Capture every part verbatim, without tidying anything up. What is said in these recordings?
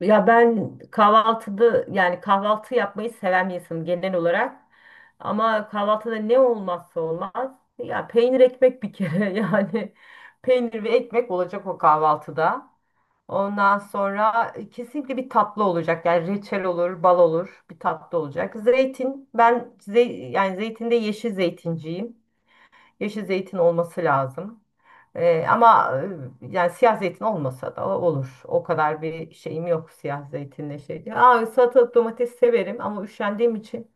Ya ben kahvaltıda yani kahvaltı yapmayı seven bir insanım genel olarak. Ama kahvaltıda ne olmazsa olmaz. Ya peynir ekmek bir kere yani peynir ve ekmek olacak o kahvaltıda. Ondan sonra kesinlikle bir tatlı olacak. Yani reçel olur, bal olur, bir tatlı olacak. Zeytin ben ze yani zeytinde yeşil zeytinciyim. Yeşil zeytin olması lazım. Ee, ama e, yani siyah zeytin olmasa da olur. O kadar bir şeyim yok siyah zeytinle şey diye. Aa, salatalık domates severim, ama üşendiğim için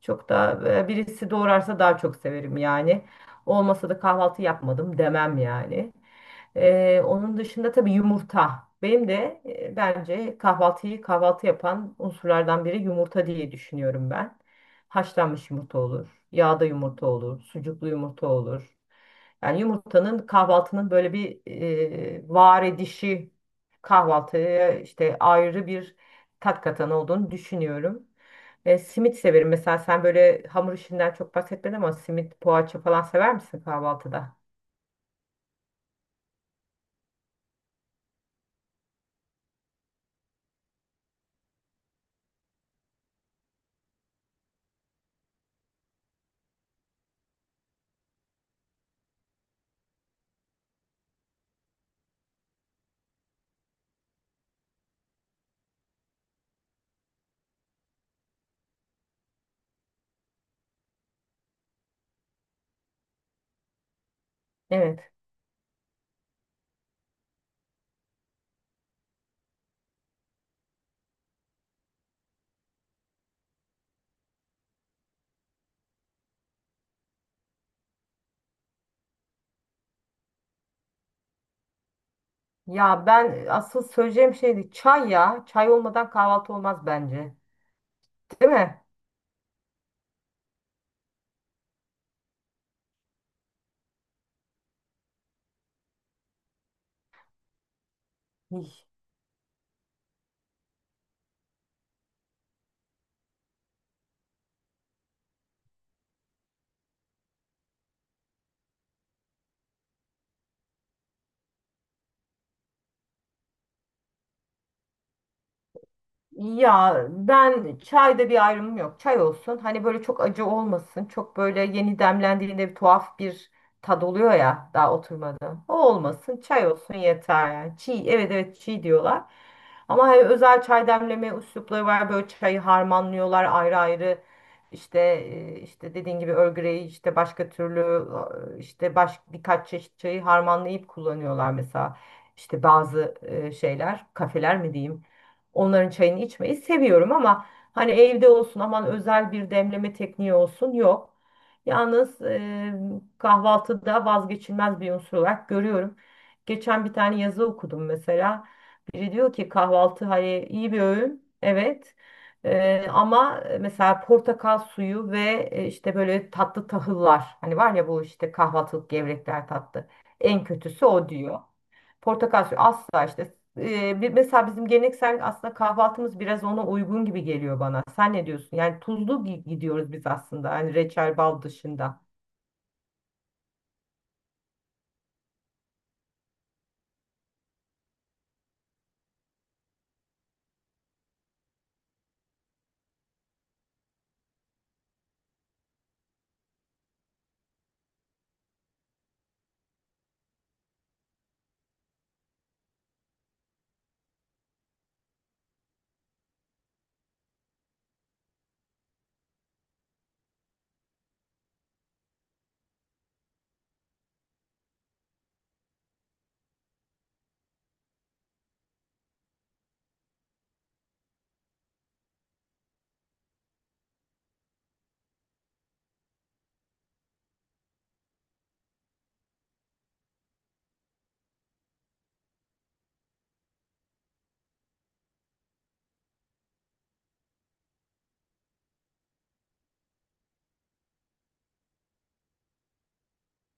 çok da e, birisi doğrarsa daha çok severim yani. Olmasa da kahvaltı yapmadım demem yani. E, onun dışında tabii yumurta. Benim de e, bence kahvaltıyı kahvaltı yapan unsurlardan biri yumurta diye düşünüyorum ben. Haşlanmış yumurta olur, yağda yumurta olur, sucuklu yumurta olur. Yani yumurtanın kahvaltının böyle bir e, var edişi, kahvaltıya işte ayrı bir tat katan olduğunu düşünüyorum. E, simit severim. Mesela sen böyle hamur işinden çok bahsetmedin, ama simit, poğaça falan sever misin kahvaltıda? Evet. Ya ben asıl söyleyeceğim şeydi çay ya. Çay olmadan kahvaltı olmaz bence. Değil mi? Ya ben çayda bir ayrımım yok. Çay olsun. Hani böyle çok acı olmasın. Çok böyle yeni demlendiğinde bir tuhaf bir tad oluyor ya daha oturmadan. O olmasın. Çay olsun yeter yani. Çiğ, evet, evet, çiğ diyorlar. Ama hani özel çay demleme üslupları var. Böyle çayı harmanlıyorlar ayrı ayrı. İşte e, işte dediğin gibi Earl, işte başka türlü, e, işte baş, birkaç çeşit çayı harmanlayıp kullanıyorlar mesela. İşte bazı e, şeyler, kafeler mi diyeyim, onların çayını içmeyi seviyorum, ama hani evde olsun aman özel bir demleme tekniği olsun yok. Yalnız e, kahvaltıda vazgeçilmez bir unsur olarak görüyorum. Geçen bir tane yazı okudum mesela. Biri diyor ki kahvaltı hani iyi bir öğün. Evet. Ee, ama mesela portakal suyu ve e, işte böyle tatlı tahıllar. Hani var ya bu işte kahvaltılık gevrekler tatlı. En kötüsü o diyor. Portakal suyu asla işte. Ee, bir- mesela bizim geleneksel aslında kahvaltımız biraz ona uygun gibi geliyor bana. Sen ne diyorsun? Yani tuzlu gi- gidiyoruz biz aslında. Hani reçel bal dışında.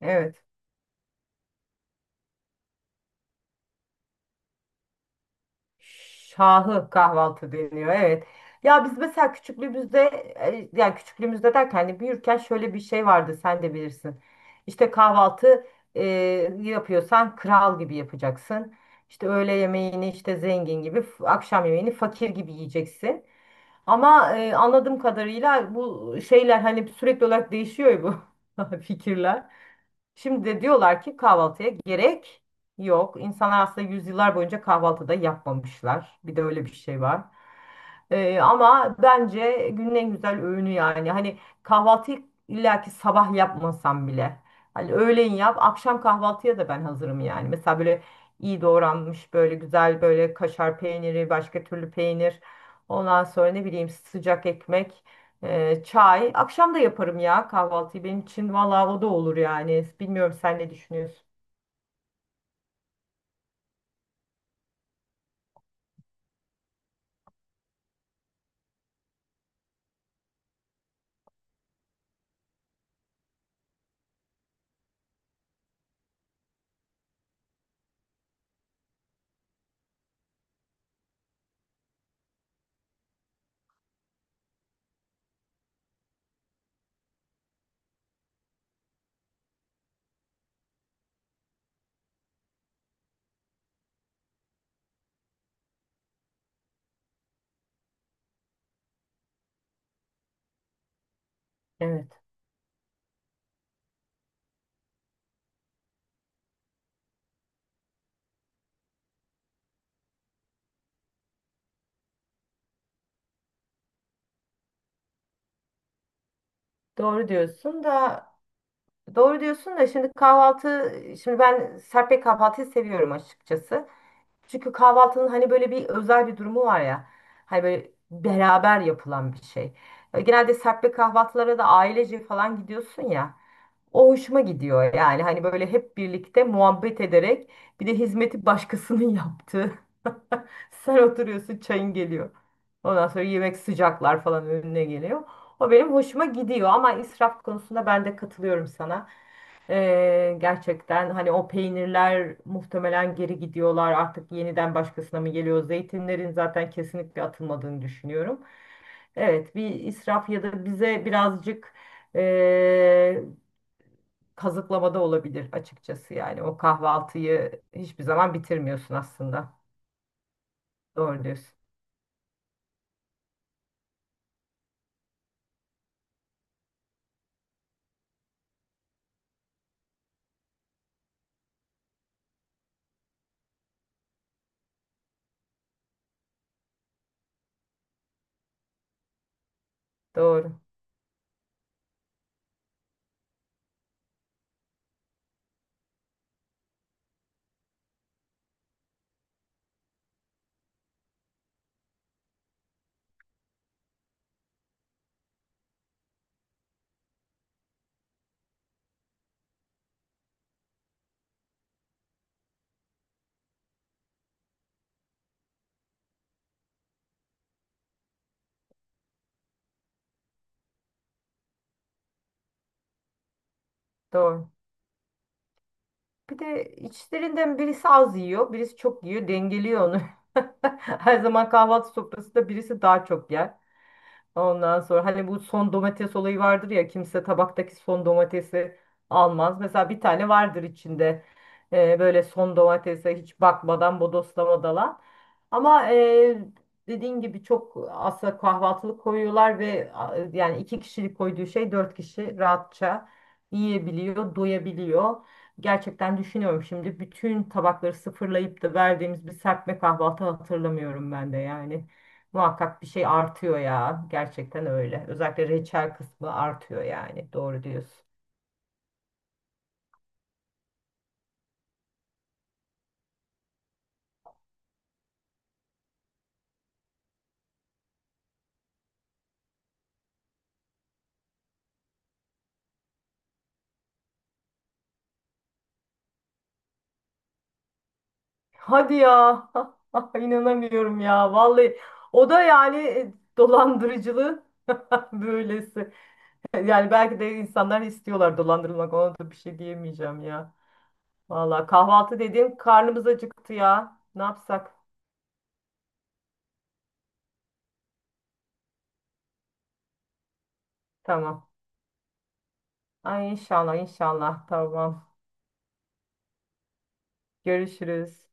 Evet. Şahı kahvaltı deniyor. Evet. Ya biz mesela küçüklüğümüzde, e, yani küçüklüğümüzde derken hani büyürken, şöyle bir şey vardı, sen de bilirsin. İşte kahvaltı e, yapıyorsan kral gibi yapacaksın. İşte öğle yemeğini işte zengin gibi, f- akşam yemeğini fakir gibi yiyeceksin. Ama e, anladığım kadarıyla bu şeyler hani sürekli olarak değişiyor ya, bu fikirler. Şimdi de diyorlar ki kahvaltıya gerek yok. İnsanlar aslında yüzyıllar boyunca kahvaltıda yapmamışlar. Bir de öyle bir şey var. Ee, ama bence günün en güzel öğünü yani. Hani kahvaltıyı illaki sabah yapmasam bile, hani öğleyin yap, akşam kahvaltıya da ben hazırım yani. Mesela böyle iyi doğranmış böyle güzel böyle kaşar peyniri, başka türlü peynir. Ondan sonra ne bileyim sıcak ekmek. Ee, çay. Akşam da yaparım ya kahvaltıyı. Benim için valla o da olur yani. Bilmiyorum, sen ne düşünüyorsun? Evet. Doğru diyorsun da doğru diyorsun da, şimdi kahvaltı şimdi ben serpme kahvaltıyı seviyorum açıkçası. Çünkü kahvaltının hani böyle bir özel bir durumu var ya. Hani böyle beraber yapılan bir şey. E, Genelde serpme kahvaltılara da ailece falan gidiyorsun ya. O hoşuma gidiyor yani, hani böyle hep birlikte muhabbet ederek, bir de hizmeti başkasının yaptığı. Sen oturuyorsun çayın geliyor. Ondan sonra yemek sıcaklar falan önüne geliyor. O benim hoşuma gidiyor, ama israf konusunda ben de katılıyorum sana. Ee, gerçekten hani o peynirler muhtemelen geri gidiyorlar, artık yeniden başkasına mı geliyor? Zeytinlerin zaten kesinlikle atılmadığını düşünüyorum. Evet, bir israf ya da bize birazcık eee, kazıklamada olabilir açıkçası yani. O kahvaltıyı hiçbir zaman bitirmiyorsun aslında. Doğru diyorsun. Doğru. Doğru. Bir de içlerinden birisi az yiyor, birisi çok yiyor, dengeliyor onu. Her zaman kahvaltı sofrasında birisi daha çok yer. Ondan sonra hani bu son domates olayı vardır ya, kimse tabaktaki son domatesi almaz. Mesela bir tane vardır içinde, e, böyle son domatese hiç bakmadan bodoslamadan. Ama e, dediğin gibi çok aslında kahvaltılık koyuyorlar ve a, yani iki kişilik koyduğu şey dört kişi rahatça yiyebiliyor, doyabiliyor. Gerçekten düşünüyorum, şimdi bütün tabakları sıfırlayıp da verdiğimiz bir serpme kahvaltı hatırlamıyorum ben de yani. Muhakkak bir şey artıyor ya. Gerçekten öyle. Özellikle reçel kısmı artıyor yani. Doğru diyorsun. Hadi ya. İnanamıyorum ya. Vallahi o da yani e, dolandırıcılığı böylesi. Yani belki de insanlar istiyorlar dolandırılmak. Ona da bir şey diyemeyeceğim ya. Vallahi kahvaltı dediğim karnımız acıktı ya. Ne yapsak? Tamam. Ay, inşallah, inşallah. Tamam. Görüşürüz.